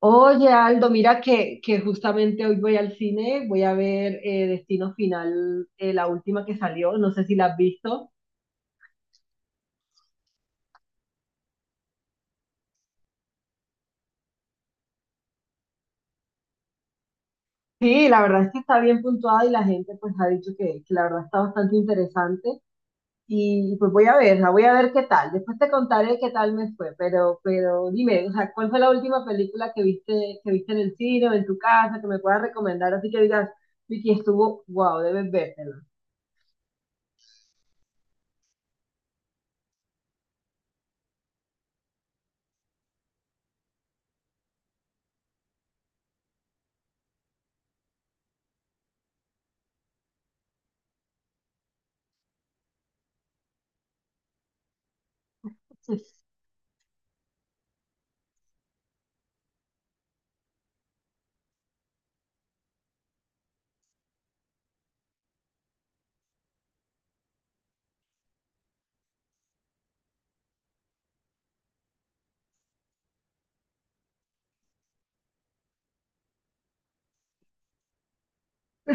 Oye, Aldo, mira que justamente hoy voy al cine, voy a ver Destino Final, la última que salió, no sé si la has visto. Sí, la verdad es que está bien puntuada y la gente pues ha dicho que la verdad está bastante interesante y pues voy a verla, voy a ver qué tal. Después te contaré qué tal me fue, pero dime, o sea, ¿cuál fue la última película que viste en el cine o en tu casa que me puedas recomendar? Así que digas, Vicky, estuvo, wow, debes vértela.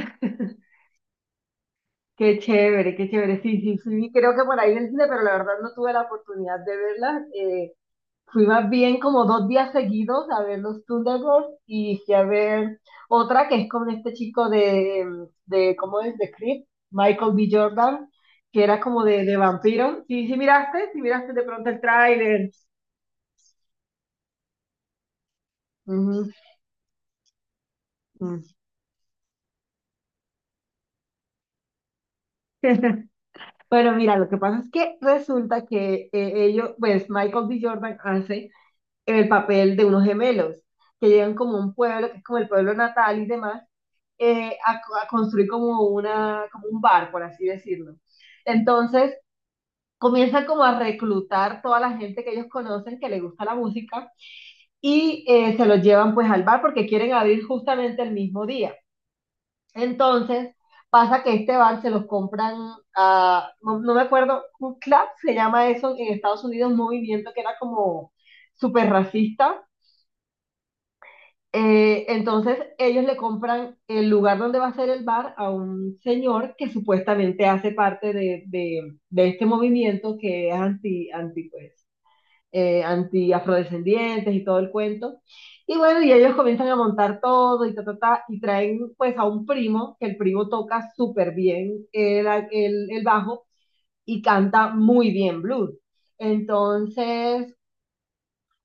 Qué chévere, qué chévere. Sí, sí, sí, sí, creo que por ahí en el cine, pero la verdad no tuve la oportunidad de verlas. Fui más bien como dos días seguidos a ver los Thunderbolts y fui a ver otra que es con este chico de ¿cómo es? De Creed, Michael B. Jordan, que era como de vampiro. Sí, sí miraste de pronto el tráiler. Ujú, ujú. Bueno, mira, lo que pasa es que resulta que ellos, pues Michael B. Jordan hace el papel de unos gemelos que llegan como un pueblo, que es como el pueblo natal y demás, a construir como, como un bar, por así decirlo. Entonces, comienzan como a reclutar toda la gente que ellos conocen que le gusta la música y se los llevan pues al bar porque quieren abrir justamente el mismo día. Entonces pasa que este bar se los compran a, no, no me acuerdo, un club se llama eso en Estados Unidos, un movimiento que era como súper racista. Entonces ellos le compran el lugar donde va a ser el bar a un señor que supuestamente hace parte de este movimiento que es anti-afrodescendientes y todo el cuento. Y bueno, y ellos comienzan a montar todo y ta, ta, ta, y traen pues a un primo, que el primo toca súper bien el bajo y canta muy bien blues. Entonces,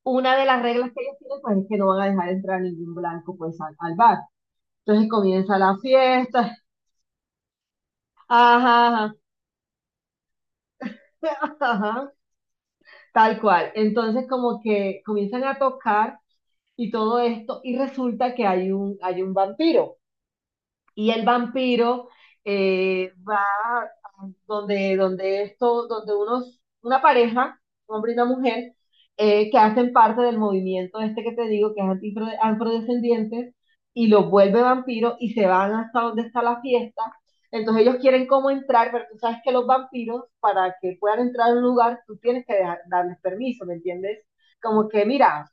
una de las reglas que ellos tienen pues, es que no van a dejar entrar ningún blanco pues al bar. Entonces comienza la fiesta, ajá, ajá, ajá, tal cual. Entonces como que comienzan a tocar y todo esto y resulta que hay un vampiro. Y el vampiro va a donde una pareja, un hombre y una mujer, que hacen parte del movimiento este que te digo, que es anti- afrodescendientes, y los vuelve vampiro y se van hasta donde está la fiesta. Entonces ellos quieren cómo entrar, pero tú sabes que los vampiros, para que puedan entrar a un lugar, tú tienes que darles permiso, ¿me entiendes? Como que, mira,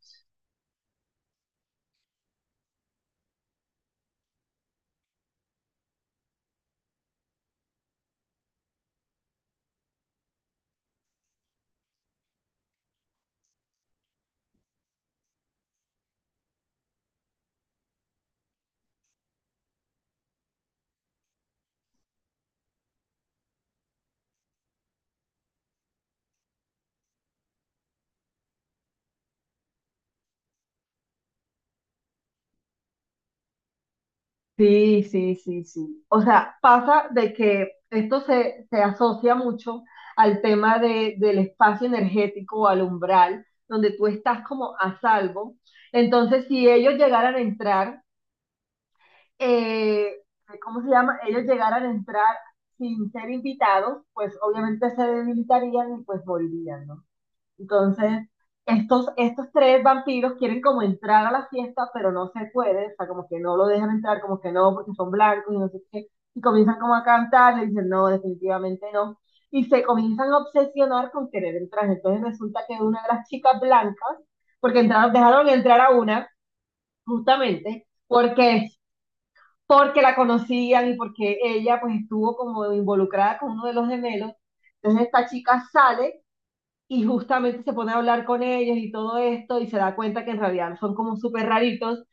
sí, sí, sí, sí. O sea, pasa de que se asocia mucho al tema del espacio energético o al umbral, donde tú estás como a salvo. Entonces, si ellos llegaran a entrar, eh, ¿cómo se llama? Ellos llegaran a entrar sin ser invitados, pues obviamente se debilitarían y pues morirían, ¿no? Entonces, estos tres vampiros quieren como entrar a la fiesta, pero no se puede, o sea, como que no lo dejan entrar, como que no, porque son blancos y no sé qué, y comienzan como a cantar, le dicen, no, definitivamente no, y se comienzan a obsesionar con querer entrar. Entonces resulta que una de las chicas blancas, porque entraron, dejaron entrar a una, justamente, porque, porque la conocían y porque ella pues estuvo como involucrada con uno de los gemelos, entonces esta chica sale y justamente se pone a hablar con ellos y todo esto y se da cuenta que en realidad son como súper raritos,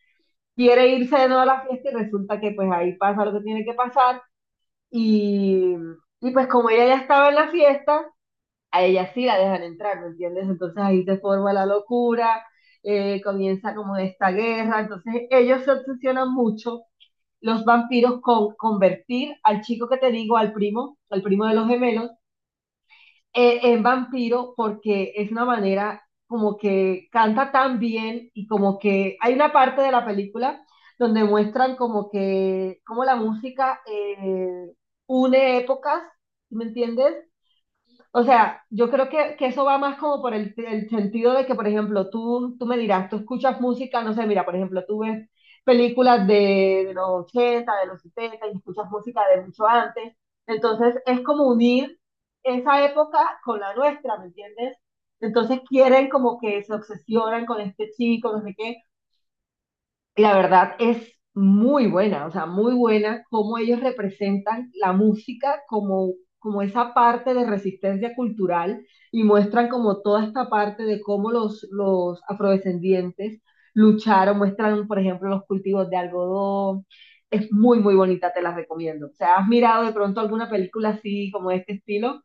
quiere irse de nuevo a la fiesta y resulta que pues ahí pasa lo que tiene que pasar y, y pues como ella ya estaba en la fiesta, a ella sí la dejan entrar, ¿me entiendes? Entonces ahí se forma la locura, comienza como esta guerra, entonces ellos se obsesionan mucho los vampiros con convertir al chico que te digo, al primo de los gemelos, en vampiro porque es una manera como que canta tan bien y como que hay una parte de la película donde muestran como que, como la música une épocas, ¿me entiendes? O sea, yo creo que eso va más como por el sentido de que, por ejemplo, tú me dirás, tú escuchas música, no sé, mira, por ejemplo, tú ves películas de los 80 de los 70 y escuchas música de mucho antes. Entonces, es como unir esa época con la nuestra, ¿me entiendes? Entonces quieren como que se obsesionan con este chico, no sé qué, la verdad es muy buena, o sea, muy buena cómo ellos representan la música como, como esa parte de resistencia cultural y muestran como toda esta parte de cómo los afrodescendientes lucharon, muestran, por ejemplo, los cultivos de algodón. Es muy, muy bonita, te la recomiendo. O sea, ¿has mirado de pronto alguna película así, como de este estilo?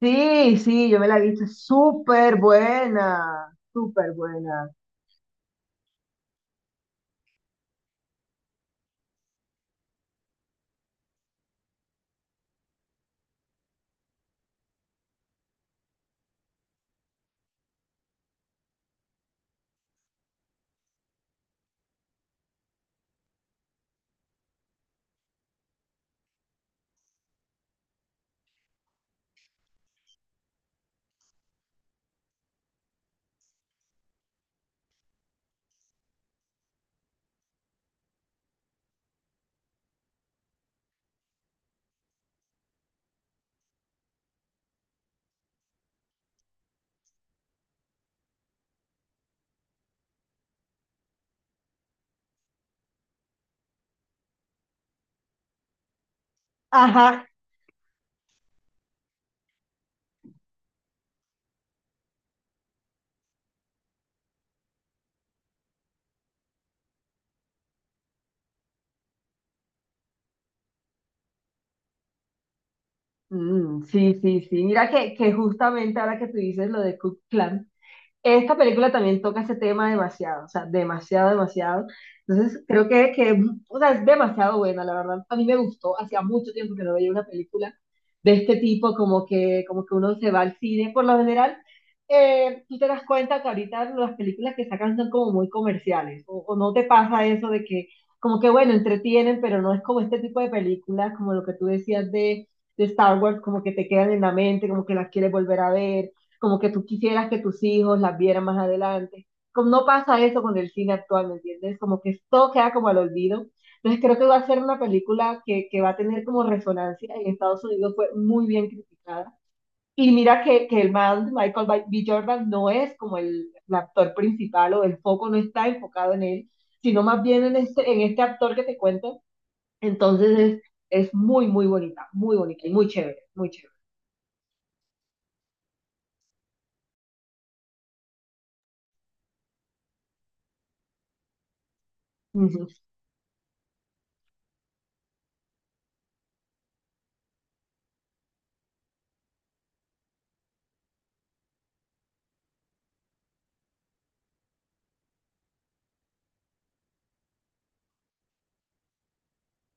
Sí, sí, yo me la he visto, es súper buena, súper buena. Ajá. Mm, sí, sí, sí. Mira que justamente ahora que tú dices lo de Cook Clan. Esta película también toca ese tema demasiado, o sea, demasiado, demasiado. Entonces, creo o sea, es demasiado buena, la verdad. A mí me gustó, hacía mucho tiempo que no veía una película de este tipo, como que uno se va al cine. Por lo general, tú te das cuenta que ahorita las películas que sacan son como muy comerciales, o no te pasa eso de que, como que, bueno, entretienen, pero no es como este tipo de películas, como lo que tú decías de Star Wars, como que te quedan en la mente, como que las quieres volver a ver como que tú quisieras que tus hijos las vieran más adelante. Como no pasa eso con el cine actual, ¿me entiendes? Como que todo queda como al olvido. Entonces creo que va a ser una película que va a tener como resonancia. En Estados Unidos fue muy bien criticada. Y mira que el man Michael B. Jordan no es como el actor principal o el foco no está enfocado en él, sino más bien en este actor que te cuento. Entonces es muy, muy bonita y muy chévere, muy chévere.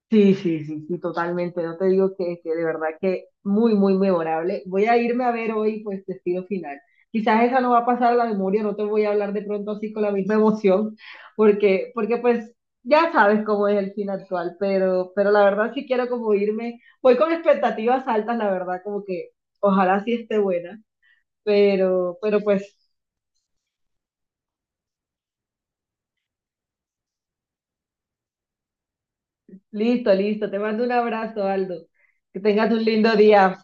Sí, sí, sí, sí, totalmente. No te digo que de verdad que muy, muy memorable. Voy a irme a ver hoy, pues, Destino Final. Quizás esa no va a pasar a la memoria, no te voy a hablar de pronto así con la misma emoción, porque pues ya sabes cómo es el cine actual, pero la verdad sí quiero como irme, voy con expectativas altas, la verdad, como que ojalá sí esté buena, pero pues listo, listo. Te mando un abrazo, Aldo. Que tengas un lindo día.